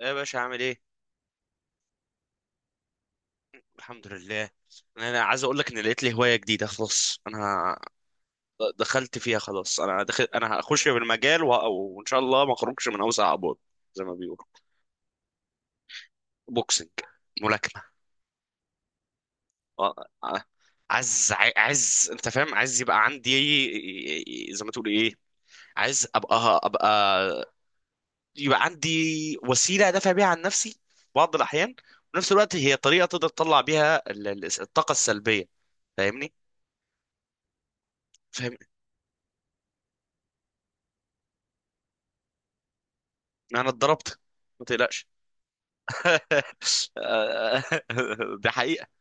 ايه يا باشا؟ عامل ايه؟ الحمد لله. أنا عايز اقول لك ان لقيت لي هوايه جديده خلاص. دخلت فيها خلاص. انا هخش في المجال وان شاء الله ما اخرجش من اوسع ابواب، زي ما بيقولوا. بوكسنج، ملاكمه. آه، آه، عايز عايز، انت فاهم، عايز يبقى عندي زي ما تقول ايه، عايز ابقى، يبقى عندي وسيله ادافع بيها عن نفسي في بعض الاحيان، وفي نفس الوقت هي طريقه تقدر تطلع بيها الطاقه السلبيه، فاهمني؟ انا اتضربت، ما تقلقش. ده حقيقة.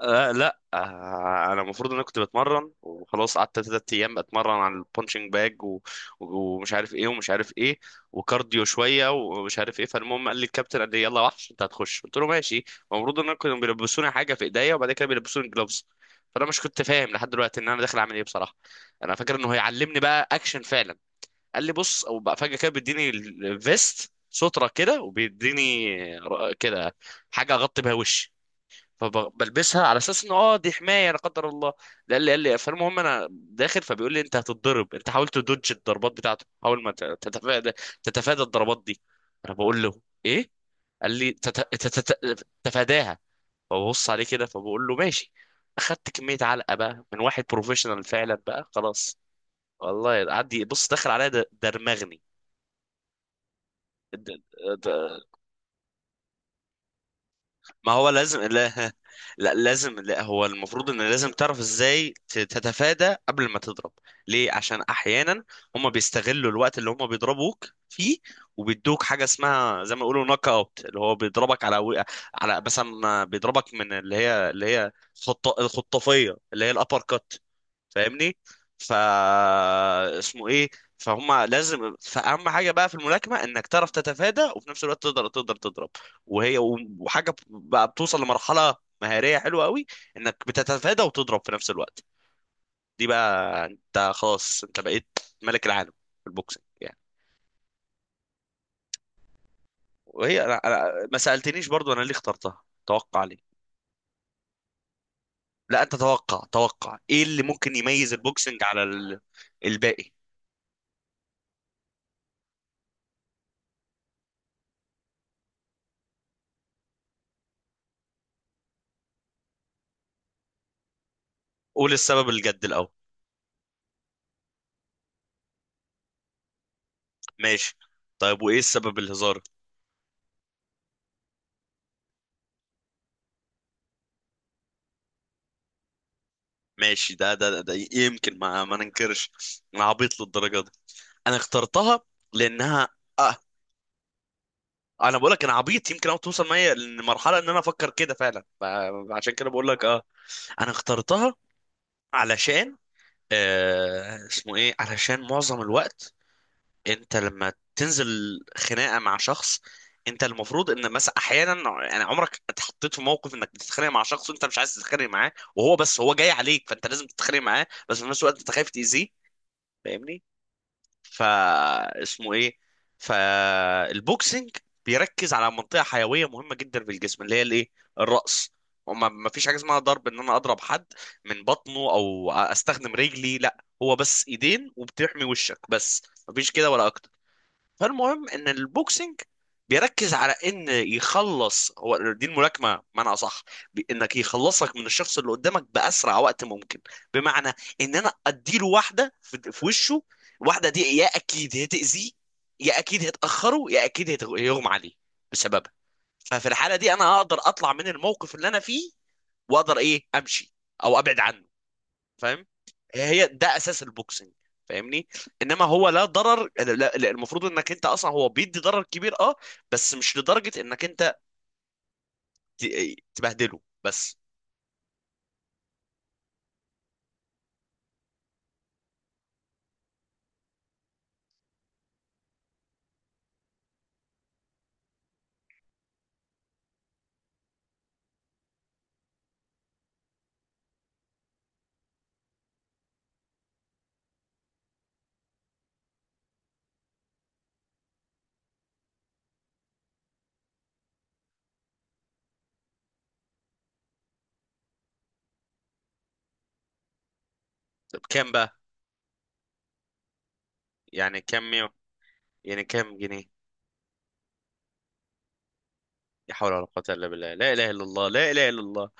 آه، لا، آه، انا المفروض ان انا كنت بتمرن وخلاص، قعدت تلات ايام بتمرن على البونشنج باج ومش عارف ايه ومش عارف ايه وكارديو شوية ومش عارف ايه. فالمهم قال لي الكابتن، قال لي يلا وحش انت هتخش، قلت له ماشي. المفروض ان انا كانوا بيلبسوني حاجة في ايديا، وبعد كده بيلبسوني جلوفز، فانا مش كنت فاهم لحد دلوقتي ان انا داخل اعمل ايه بصراحة. انا فاكر انه هيعلمني بقى اكشن فعلا. قال لي بص، او بقى فجاه كده بيديني الفيست، ستره كده، وبيديني كده حاجه اغطي بيها وشي، فبلبسها على اساس ان دي حمايه لا قدر الله. قال لي فالمهم انا داخل، فبيقول لي انت هتتضرب، انت حاول تدوج الضربات بتاعته، حاول ما تتفادى الضربات دي. انا بقول له ايه؟ قال لي تتفاداها. فببص عليه كده، فبقول له ماشي. اخدت كميه علقه بقى من واحد بروفيشنال فعلا بقى خلاص. والله عدي، بص، دخل عليا درمغني. د- د- ما هو لازم لا, لا لازم لا، هو المفروض ان لازم تعرف ازاي تتفادى قبل ما تضرب. ليه؟ عشان احيانا هم بيستغلوا الوقت اللي هم بيضربوك فيه، وبيدوك حاجه اسمها زي ما يقولوا نوك اوت، اللي هو بيضربك على على مثلا، بيضربك من اللي هي الخطافيه اللي هي الابر كات، فاهمني؟ فا اسمه ايه فهم، لازم فاهم حاجه بقى في الملاكمه، انك تعرف تتفادى وفي نفس الوقت تقدر تضرب. وهي، وحاجه بقى بتوصل لمرحله مهاريه حلوه قوي، انك بتتفادى وتضرب في نفس الوقت، دي بقى انت خلاص انت بقيت ملك العالم في البوكسنج يعني. وهي ما سالتنيش برضو انا ليه اخترتها. توقع ليه؟ لا انت توقع ايه اللي ممكن يميز البوكسنج على الباقي. قول السبب الجد الاول. ماشي. طيب وايه السبب الهزار؟ ماشي. ده يمكن، ما ننكرش، انا عبيط للدرجه دي، انا اخترتها لانها اه انا بقول لك انا عبيط يمكن، او توصل معايا لمرحله ان انا افكر كده فعلا. عشان كده بقول لك، انا اخترتها علشان آه اسمه ايه علشان معظم الوقت انت لما تنزل خناقه مع شخص، انت المفروض ان مثلا احيانا، يعني، عمرك اتحطيت في موقف انك بتتخانق مع شخص وانت مش عايز تتخانق معاه، وهو بس هو جاي عليك، فانت لازم تتخانق معاه، بس في نفس الوقت انت خايف تاذيه، فاهمني؟ فا اسمه ايه فالبوكسنج بيركز على منطقه حيويه مهمه جدا في الجسم اللي هي الايه، الراس. وما ما فيش حاجه اسمها ضرب ان انا اضرب حد من بطنه او استخدم رجلي، لا، هو بس ايدين وبتحمي وشك بس، مفيش كده ولا اكتر. فالمهم ان البوكسنج بيركز على ان يخلص، هو دي الملاكمه بمعنى اصح، انك يخلصك من الشخص اللي قدامك باسرع وقت ممكن. بمعنى ان انا اديله واحده في وشه، واحده دي يا اكيد هتاذيه، يا اكيد هتاخره، يا اكيد هيغمى عليه بسببها. ففي الحاله دي انا اقدر اطلع من الموقف اللي انا فيه، واقدر ايه، امشي او ابعد عنه، فاهم؟ هي ده اساس البوكسنج، فاهمني؟ انما هو لا ضرر، لا، لا، المفروض انك انت، اصلا هو بيدي ضرر كبير اه، بس مش لدرجة انك انت تبهدله بس. طب كام بقى؟ يعني كام ميو؟ يعني كام جنيه؟ لا حول ولا قوة الا بالله، لا اله الا الله، لا اله الا الله.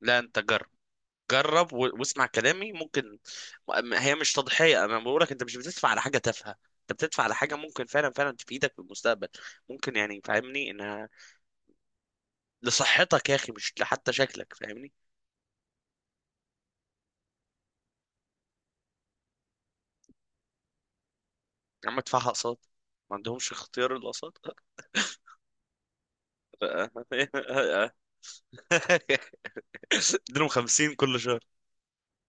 لا، انت جرب، جرب واسمع كلامي. ممكن هي مش تضحية، انا بقول لك انت مش بتدفع على حاجة تافهة، انت بتدفع على حاجة ممكن فعلا فعلا تفيدك في المستقبل، ممكن، يعني فاهمني، ان لصحتك يا اخي، مش لحتى شكلك، فاهمني؟ يا عم ادفعها اقساط. ما عندهمش اختيار الاقساط. اديلهم 50 كل شهر.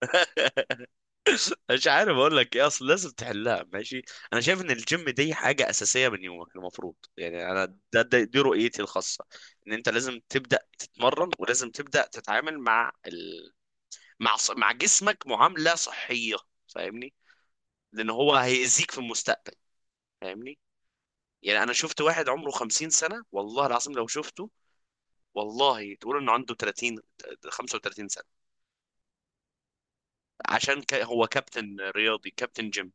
مش عارف اقول لك ايه، اصل لازم تحلها ماشي. انا شايف ان الجيم دي حاجه اساسيه من يومك المفروض، يعني انا، ده دي رؤيتي الخاصه، ان انت لازم تبدا تتمرن، ولازم تبدا تتعامل مع مع مع جسمك معامله صحيه، فاهمني؟ لان هو هيأذيك في المستقبل، فاهمني؟ يعني انا شفت واحد عمره 50 سنة، والله العظيم لو شفته والله تقول انه عنده 30، 35 سنة. عشان هو كابتن رياضي، كابتن جيم.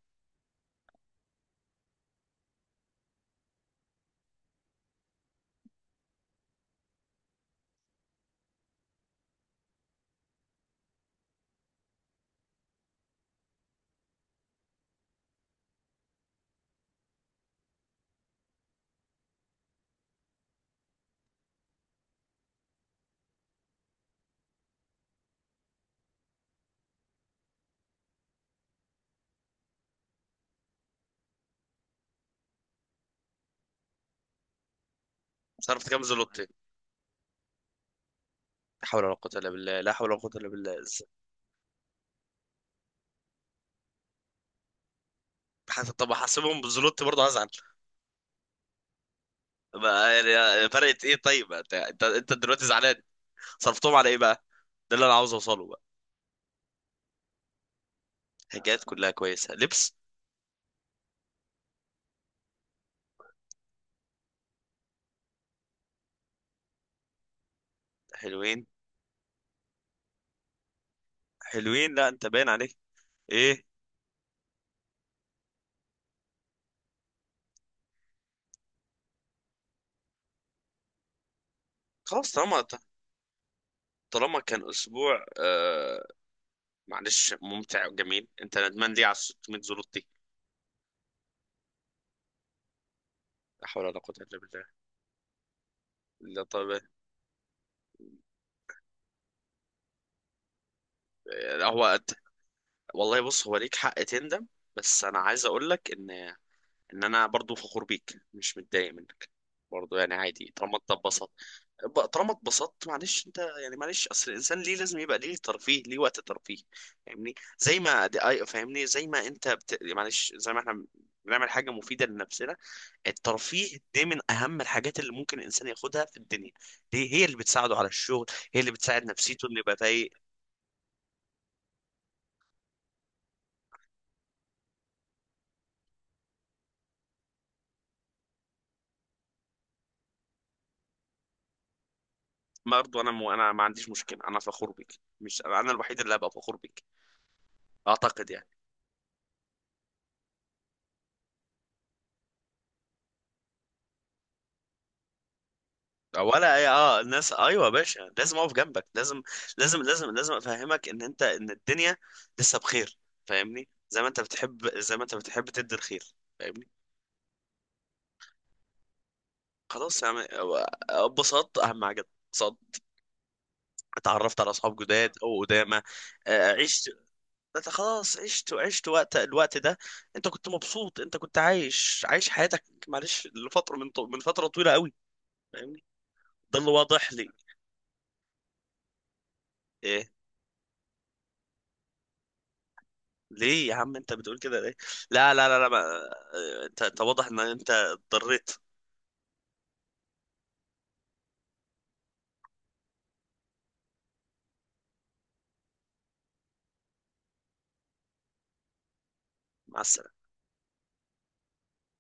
صرفت كام زلوتي؟ لا حول ولا قوة إلا بالله، لا حول ولا قوة إلا بالله. طب احسبهم بالزلوتي برضه هزعل. يعني فرقت ايه؟ طيب انت أنت دلوقتي زعلان؟ صرفتهم على ايه بقى؟ ده اللي انا عاوز اوصله بقى. حاجات كلها كويسة؟ لبس؟ حلوين. حلوين؟ لا انت باين عليك ايه. خلاص، طالما، طالما كان اسبوع معلش ممتع وجميل، انت ندمان ليه على 600 زلط دي؟ لا حول ولا قوة الا بالله. لا طب، لا هو، والله بص هو ليك حق تندم، بس انا عايز اقول لك ان، ان انا برضو فخور بيك، مش متضايق منك، برضو يعني عادي طالما انت اتبسطت. طالما اتبسطت معلش، انت يعني، معلش، اصل الانسان ليه لازم يبقى ليه ترفيه، ليه وقت ترفيه، فاهمني؟ زي ما دي اي، فاهمني، زي ما انت معلش، زي ما احنا بنعمل حاجة مفيدة لنفسنا، الترفيه ده من اهم الحاجات اللي ممكن الانسان ياخدها في الدنيا. دي هي اللي بتساعده على الشغل، هي اللي بتساعد نفسيته انه يبقى فايق. برضه انا ما عنديش مشكله، انا فخور بيك، مش انا الوحيد اللي هبقى فخور بيك اعتقد، يعني. ولا اي، اه الناس، ايوه يا باشا، لازم اقف جنبك، لازم، لازم، لازم، لازم افهمك ان انت، ان الدنيا لسه بخير، فاهمني؟ زي ما انت بتحب، تدي الخير، فاهمني؟ خلاص يا عم، اتبسطت، اهم حاجه اتبسطت، اتعرفت على اصحاب جداد او قدامى، عشت. انت خلاص عشت، وعشت وقت، الوقت ده انت كنت مبسوط، انت كنت عايش، عايش حياتك معلش لفتره من من فتره طويله قوي، فاهمني؟ ده اللي واضح لي. ايه؟ ليه يا عم انت بتقول كده ليه؟ لا لا لا لا، ما... اه، انت واضح ان انت اضطريت. مع السلامه.